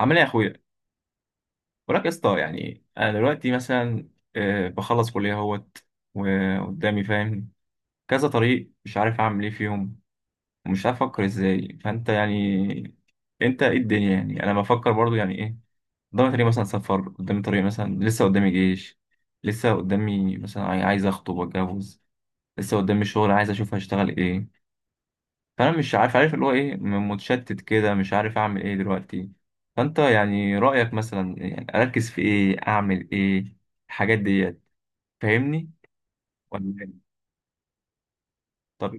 عامل ايه يا اخويا؟ وراك يا اسطى. يعني انا دلوقتي مثلا بخلص كليه اهوت وقدامي، فاهم، كذا طريق، مش عارف اعمل ايه فيهم ومش عارف افكر ازاي. فانت يعني انت ايه؟ الدنيا يعني انا بفكر برضو يعني ايه. قدامي طريق مثلا سفر، قدامي طريق مثلا لسه قدامي جيش، لسه قدامي مثلا عايز اخطب واتجوز، لسه قدامي شغل عايز اشوف هشتغل ايه. فانا مش عارف، عارف اللي هو ايه، متشتت كده مش عارف اعمل ايه دلوقتي. فانت يعني رايك مثلا يعني اركز في ايه؟ اعمل ايه الحاجات ديت؟ فاهمني ولا إيه؟ طب.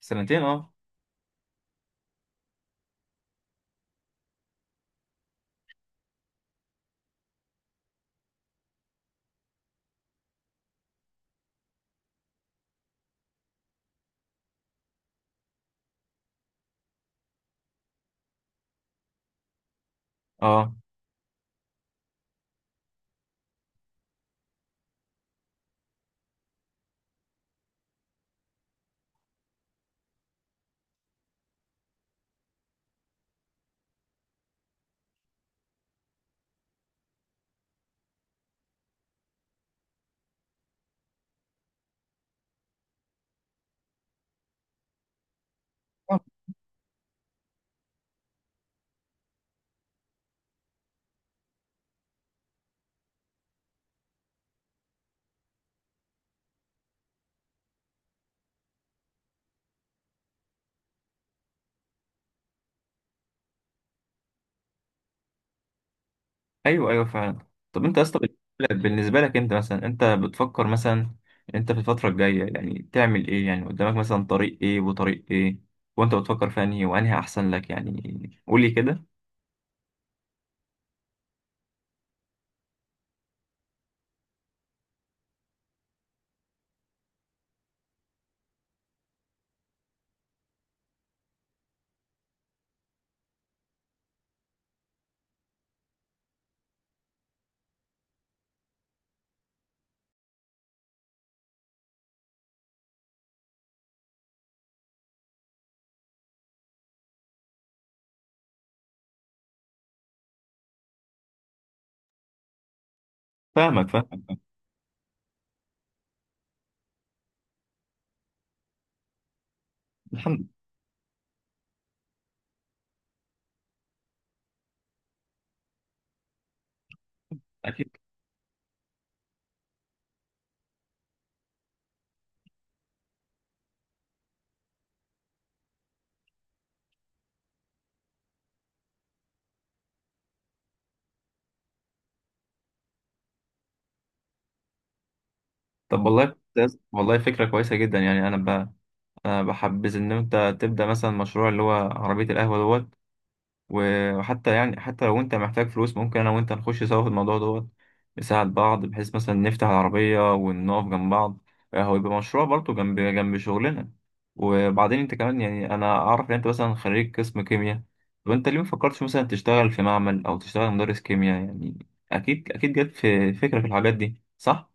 سنتين، اه. اه. آه. ايوه ايوه، فعلا. طب انت اصلا بالنسبه لك انت مثلا، انت بتفكر مثلا انت في الفتره الجايه يعني تعمل ايه؟ يعني قدامك مثلا طريق ايه وطريق ايه؟ وانت بتفكر في انهي وانهي احسن لك؟ يعني قولي كده. فاهمك فاهمك. الحمد لله. طب والله، والله فكرة كويسة جدا. يعني أنا أنا بحبذ إن أنت تبدأ مثلا مشروع اللي هو عربية القهوة دوت. وحتى يعني حتى لو أنت محتاج فلوس ممكن أنا وأنت نخش سوا في الموضوع دوت، نساعد بعض بحيث مثلا نفتح العربية ونقف جنب بعض. هو يبقى مشروع برضه جنب جنب شغلنا. وبعدين أنت كمان يعني أنا أعرف إن أنت مثلا خريج قسم كيمياء. طب أنت ليه مفكرتش مثلا تشتغل في معمل أو تشتغل مدرس كيمياء؟ يعني أكيد أكيد جت في فكرة في الحاجات دي، صح؟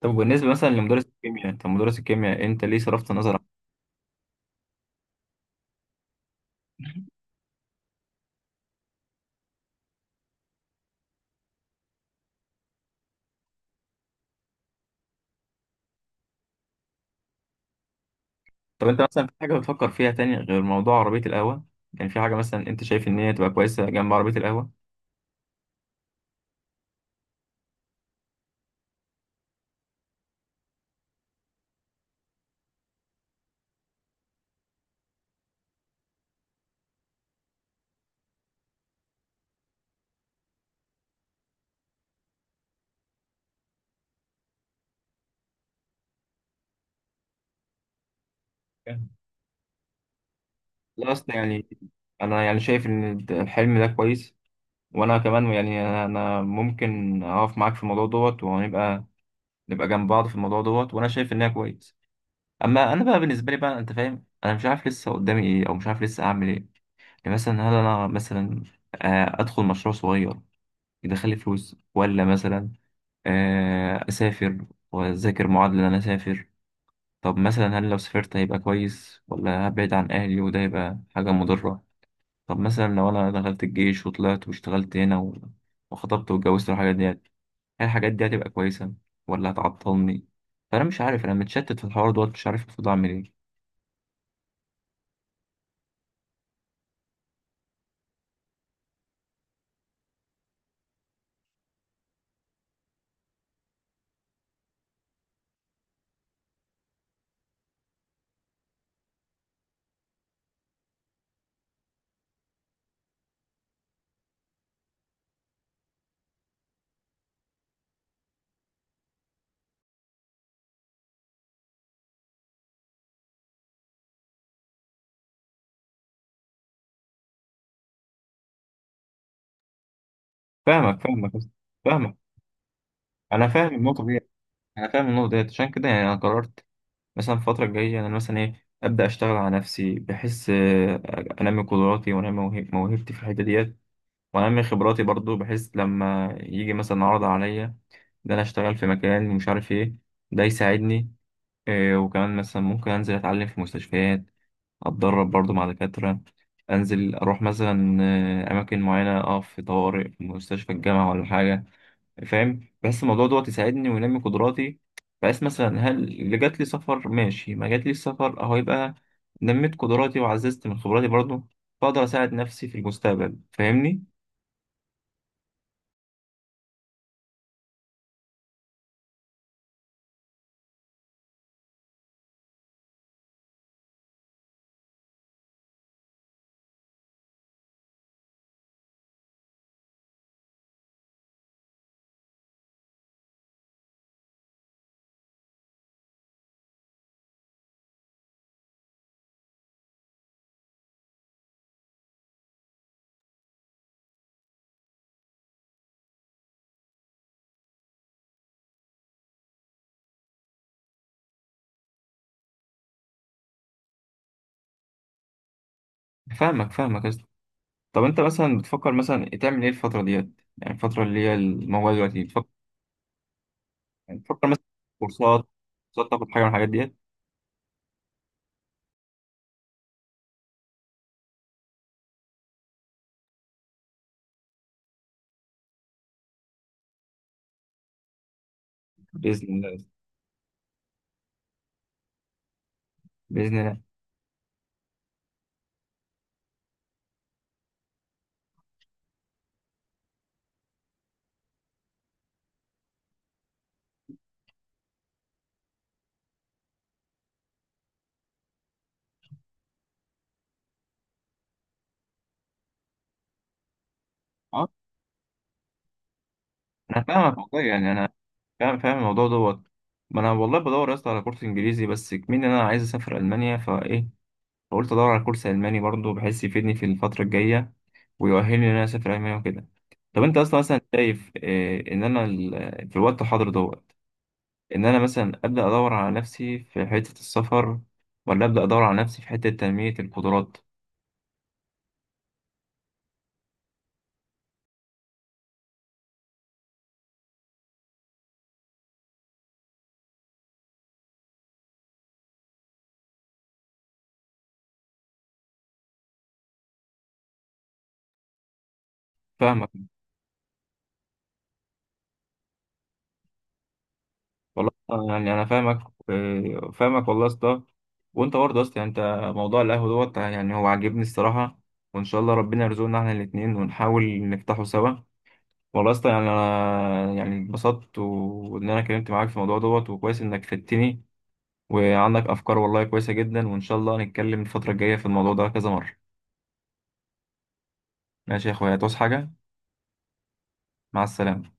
طب بالنسبة مثلا لمدرس الكيمياء، انت مدرس الكيمياء انت ليه صرفت نظر عنه؟ طب انت مثلا في حاجة بتفكر فيها تاني غير موضوع عربية القهوة؟ يعني في حاجة مثلا انت شايف ان هي تبقى كويسة جنب عربية القهوة؟ لا اصل يعني انا يعني شايف ان الحلم ده كويس، وانا كمان يعني انا ممكن اقف معاك في الموضوع دوت ونبقى، نبقى جنب بعض في الموضوع دوت، وانا شايف انها كويس. اما انا بقى بالنسبة لي بقى، انت فاهم انا مش عارف لسه قدامي ايه او مش عارف لسه اعمل ايه. يعني مثلا هل انا مثلا ادخل مشروع صغير يدخل لي فلوس، ولا مثلا اسافر واذاكر؟ معادله ان انا اسافر، طب مثلا هل لو سافرت هيبقى كويس، ولا هبعد عن اهلي وده يبقى حاجه مضره؟ طب مثلا لو انا دخلت الجيش وطلعت واشتغلت هنا وخطبت واتجوزت والحاجات ديت، هل الحاجات دي هتبقى كويسه ولا هتعطلني؟ فانا مش عارف، انا متشتت في الحوار دوت مش عارف المفروض اعمل ايه. فاهمك فاهمك فاهمك. انا فاهم النقطه دي، انا فاهم النقطه ديت. عشان كده يعني انا قررت مثلا الفترة الجاية أنا مثلا إيه، أبدأ أشتغل على نفسي بحيث أنمي قدراتي وأنمي موهبتي في الحتة ديت، وأنمي خبراتي برضو، بحيث لما يجي مثلا عرض عليا إن أنا أشتغل في مكان ومش عارف إيه، ده يساعدني. وكمان مثلا ممكن أنزل أتعلم في مستشفيات، أتدرب برضو مع دكاترة، أنزل أروح مثلا أماكن معينة، أقف في طوارئ في مستشفى الجامعة ولا حاجة. فاهم، بحس الموضوع دوت يساعدني وينمي قدراتي. بحس مثلا هل اللي جات لي سفر، ماشي، ما جات لي سفر، اهو يبقى نميت قدراتي وعززت من خبراتي برضه، فاقدر اساعد نفسي في المستقبل. فاهمني؟ فاهمك فاهمك يا اسطى. طب انت مثلا بتفكر مثلا تعمل ايه الفتره ديت؟ يعني الفتره اللي هي الموبايل دلوقتي بتفكر، يعني بتفكر مثلا في كورسات؟ كورسات تاخد حاجه من الحاجات ديت؟ باذن الله. باذن الله. اه، انا فاهمك والله. يعني انا فاهم، فاهم الموضوع دوت. ما انا والله بدور يا اسطى على كورس انجليزي، بس كمان انا عايز اسافر المانيا فايه، فقلت ادور على كورس الماني برضه بحيث يفيدني في الفتره الجايه ويؤهلني ان انا اسافر المانيا وكده. طب انت اصلا مثلا شايف إيه؟ ان انا في الوقت الحاضر دوت، ان انا مثلا ابدا ادور على نفسي في حته السفر، ولا ابدا ادور على نفسي في حته تنميه القدرات؟ فاهمك والله. يعني انا فاهمك. فاهمك والله يا اسطى. وانت برضه يا اسطى يعني انت موضوع القهوه دوت يعني هو عاجبني الصراحه، وان شاء الله ربنا يرزقنا احنا الاثنين ونحاول نفتحه سوا. والله يا اسطى يعني انا يعني اتبسطت وان انا اتكلمت معاك في الموضوع دوت، وكويس انك فدتني وعندك افكار والله كويسه جدا، وان شاء الله هنتكلم الفتره الجايه في الموضوع ده كذا مره. ماشي يا اخويا، هتعوز حاجه؟ مع السلامه.